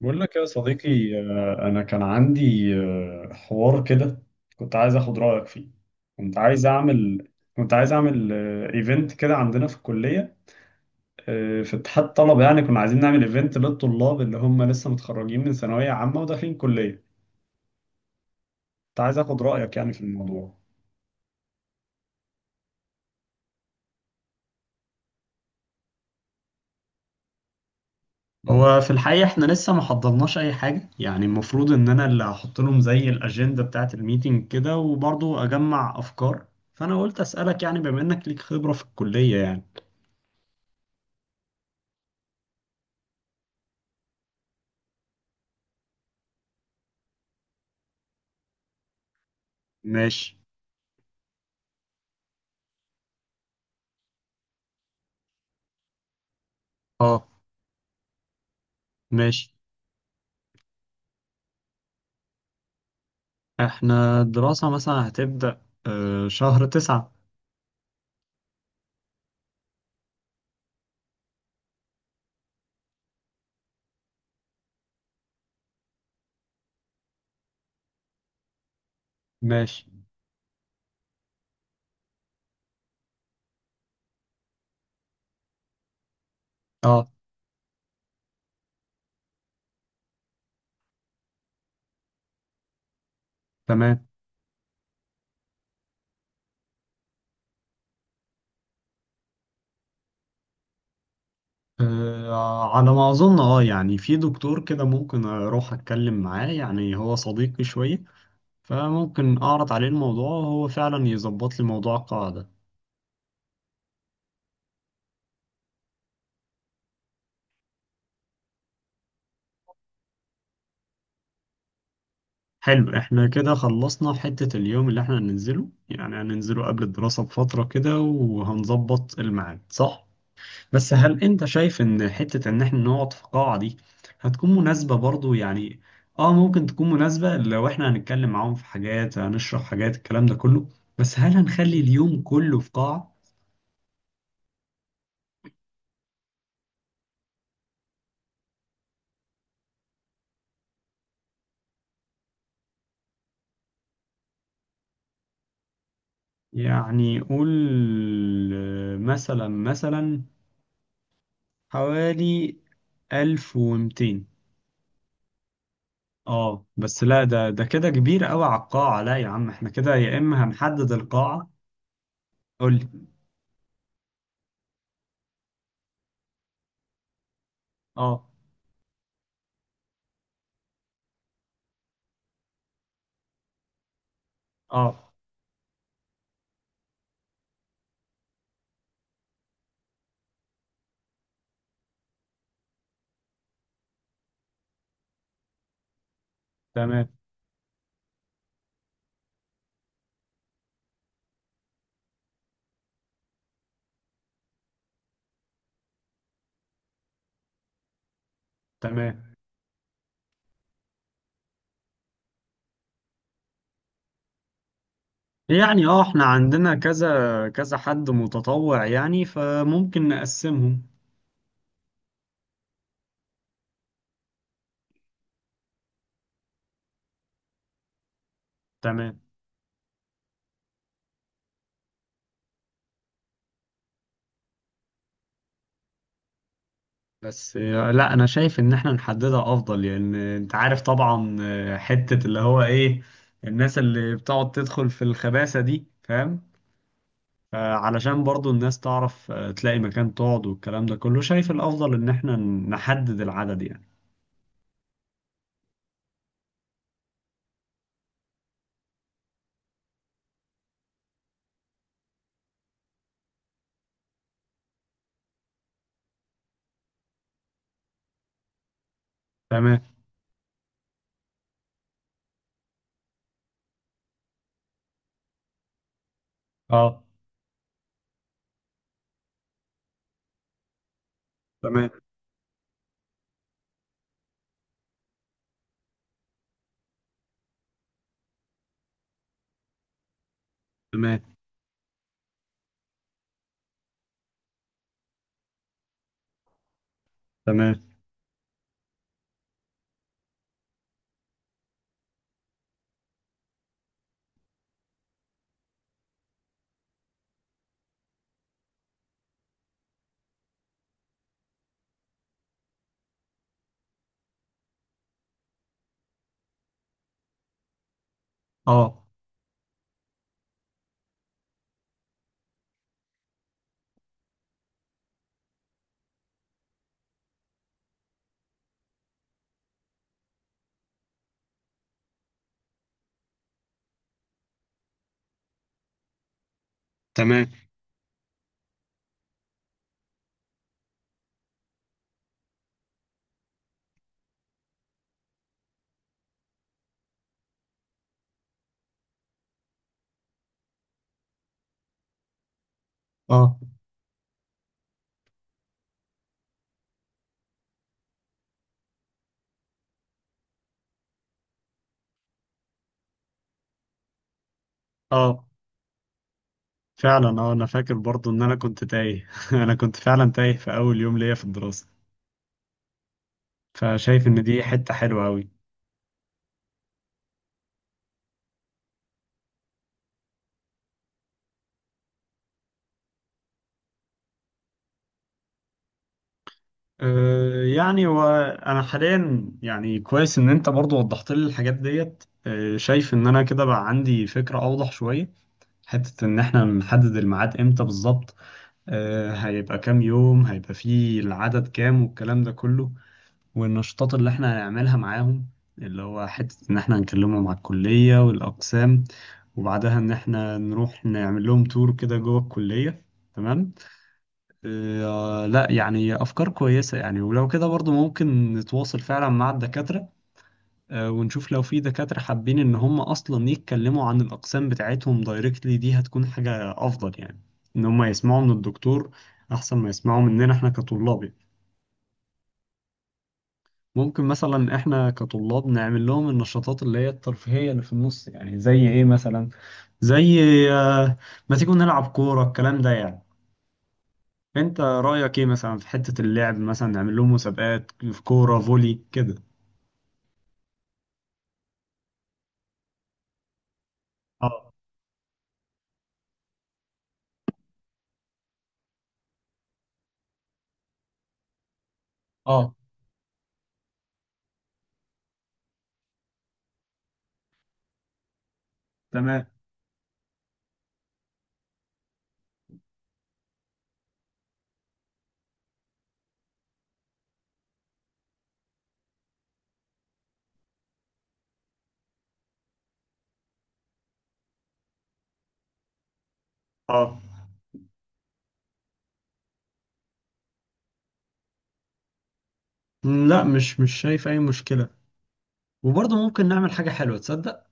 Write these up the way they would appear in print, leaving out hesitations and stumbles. بقول لك يا صديقي، أنا كان عندي حوار كده. كنت عايز أخد رأيك فيه. كنت عايز أعمل كنت عايز أعمل إيفنت كده عندنا في الكلية، في اتحاد الطلبة. يعني كنا عايزين نعمل إيفنت للطلاب اللي هم لسه متخرجين من ثانوية عامة وداخلين كلية. كنت عايز أخد رأيك يعني في الموضوع. هو في الحقيقة احنا لسه ما حضرناش أي حاجة، يعني المفروض إن أنا اللي هحط لهم زي الأجندة بتاعة الميتنج كده، وبرضه أجمع أفكار. فأنا قلت أسألك يعني بما إنك ليك خبرة في الكلية يعني. ماشي. اه. ماشي. احنا الدراسة مثلا هتبدأ شهر تسعة. ماشي. اه. تمام. على ما أظن. اه يعني في دكتور كده ممكن أروح أتكلم معاه، يعني هو صديقي شوية، فممكن أعرض عليه الموضوع وهو فعلا يظبط لي موضوع القاعدة. حلو، احنا كده خلصنا حتة اليوم اللي احنا هننزله، يعني هننزله قبل الدراسة بفترة كده، وهنظبط الميعاد، صح؟ بس هل انت شايف ان حتة ان احنا نقعد في قاعة دي هتكون مناسبة برضو؟ يعني اه ممكن تكون مناسبة لو احنا هنتكلم معاهم في حاجات، هنشرح حاجات، الكلام ده كله. بس هل هنخلي اليوم كله في قاعة؟ يعني قول، مثلا مثلا حوالي 1200. اه بس لا، ده كده كبير قوي على القاعة، لا يا عم، احنا كده يا اما هنحدد القاعة. قول لي. اه. اه. تمام. تمام. يعني اه احنا عندنا كذا كذا حد متطوع، يعني فممكن نقسمهم. تمام. بس لا انا شايف ان احنا نحددها افضل، لان انت عارف طبعا، حتة اللي هو ايه، الناس اللي بتقعد تدخل في الخباثة دي، فاهم؟ فعلشان برضو الناس تعرف تلاقي مكان تقعد، والكلام ده كله، شايف الافضل ان احنا نحدد العدد يعني. تمام. اه. تمام. تمام. تمام. اه. تمام. اه. اه فعلا، اه انا فاكر برضو ان انا كنت تايه انا كنت فعلا تايه في اول يوم ليا في الدراسة. فشايف ان دي حتة حلوة قوي. أه يعني وانا حاليا يعني كويس ان انت برضو وضحت لي الحاجات ديت. أه شايف ان انا كده بقى عندي فكرة اوضح شوية، حتة ان احنا نحدد الميعاد امتى بالظبط. أه هيبقى كام يوم، هيبقى فيه العدد كام، والكلام ده كله، والنشاطات اللي احنا هنعملها معاهم، اللي هو حتة ان احنا هنكلمهم على الكلية والأقسام، وبعدها ان احنا نروح نعمل لهم تور كده جوه الكلية. تمام. اه لا يعني افكار كويسة يعني، ولو كده برضو ممكن نتواصل فعلا مع الدكاترة. اه ونشوف لو في دكاترة حابين ان هم اصلا يتكلموا عن الأقسام بتاعتهم دايركتلي، دي هتكون حاجة افضل يعني، ان هم يسمعوا من الدكتور احسن ما يسمعوا مننا احنا كطلاب يعني. ممكن مثلا احنا كطلاب نعمل لهم النشاطات اللي هي الترفيهية اللي في النص، يعني زي ايه مثلا؟ زي آه، ما تيجوا نلعب كورة، الكلام ده يعني. انت رأيك ايه مثلا في حتة اللعب؟ مثلا نعمل لهم مسابقات في كورة فولي كده. اه. اه. تمام. اه. لا مش شايف اي مشكلة. وبرضه ممكن نعمل حاجة حلوة، تصدق؟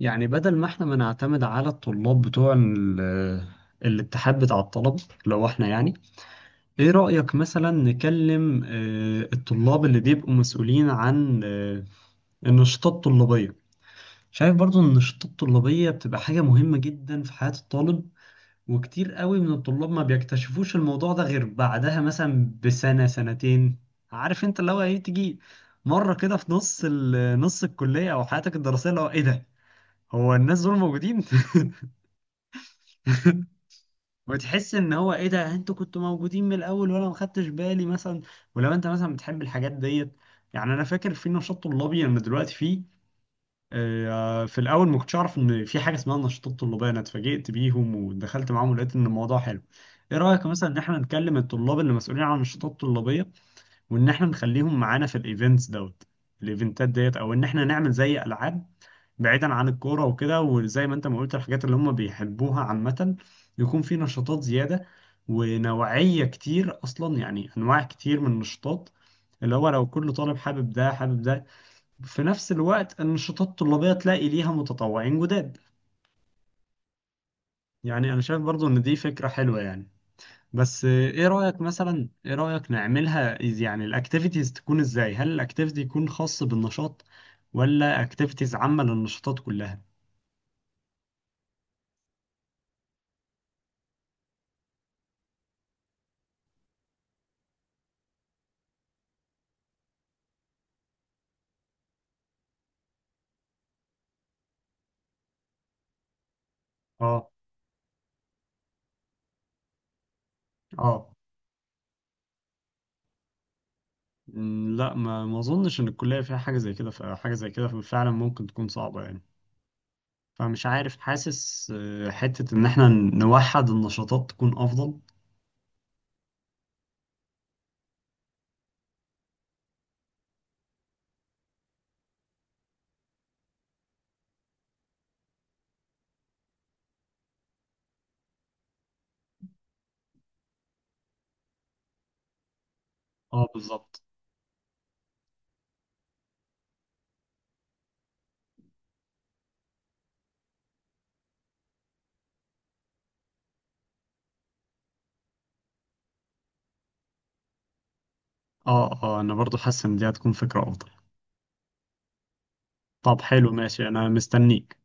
يعني بدل ما احنا ما نعتمد على الطلاب بتوع الاتحاد بتاع الطلبة، لو احنا يعني، ايه رأيك مثلا نكلم الطلاب اللي بيبقوا مسؤولين عن النشاطات الطلابية؟ شايف برضو ان النشاطات الطلابية بتبقى حاجة مهمة جدا في حياة الطالب، وكتير قوي من الطلاب ما بيكتشفوش الموضوع ده غير بعدها مثلا بسنة سنتين. عارف انت اللي هو ايه، تيجي مرة كده في نص نص الكلية او حياتك الدراسية، اللي هو ايه ده، هو الناس دول موجودين؟ وتحس ان هو ايه ده، انتوا كنتوا موجودين من الاول وانا ما خدتش بالي مثلا. ولو انت مثلا بتحب الحاجات ديت، يعني انا فاكر في نشاط طلابي انا دلوقتي فيه، في الاول ما كنتش اعرف ان في حاجه اسمها نشاطات طلابيه، انا اتفاجئت بيهم ودخلت معاهم ولقيت ان الموضوع حلو. ايه رايك مثلا ان احنا نكلم الطلاب اللي مسؤولين عن النشاطات الطلابيه، وان احنا نخليهم معانا في الايفنتس دوت، الايفنتات ديت؟ او ان احنا نعمل زي العاب، بعيدا عن الكورة وكده، وزي ما انت ما قلت الحاجات اللي هم بيحبوها عامة، يكون في نشاطات زيادة، ونوعية كتير، أصلا يعني أنواع كتير من النشاطات، اللي هو لو كل طالب حابب ده حابب ده، في نفس الوقت النشاطات الطلابية تلاقي ليها متطوعين جداد. يعني أنا شايف برضو إن دي فكرة حلوة يعني. بس إيه رأيك مثلا، إيه رأيك نعملها؟ يعني الأكتيفيتيز تكون إزاي؟ هل الأكتيفيتي يكون خاص بالنشاط ولا أكتيفيتيز عامة للنشاطات كلها؟ اه. اه. لا ما اظنش ان الكليه فيها حاجه زي كده، فحاجه زي كده فعلا ممكن تكون صعبه يعني. فمش عارف، حاسس حته ان احنا نوحد النشاطات تكون افضل. اه بالظبط. اه اه انا برضو حاسس ان دي هتكون فكره افضل. طب حلو، ماشي، انا مستنيك.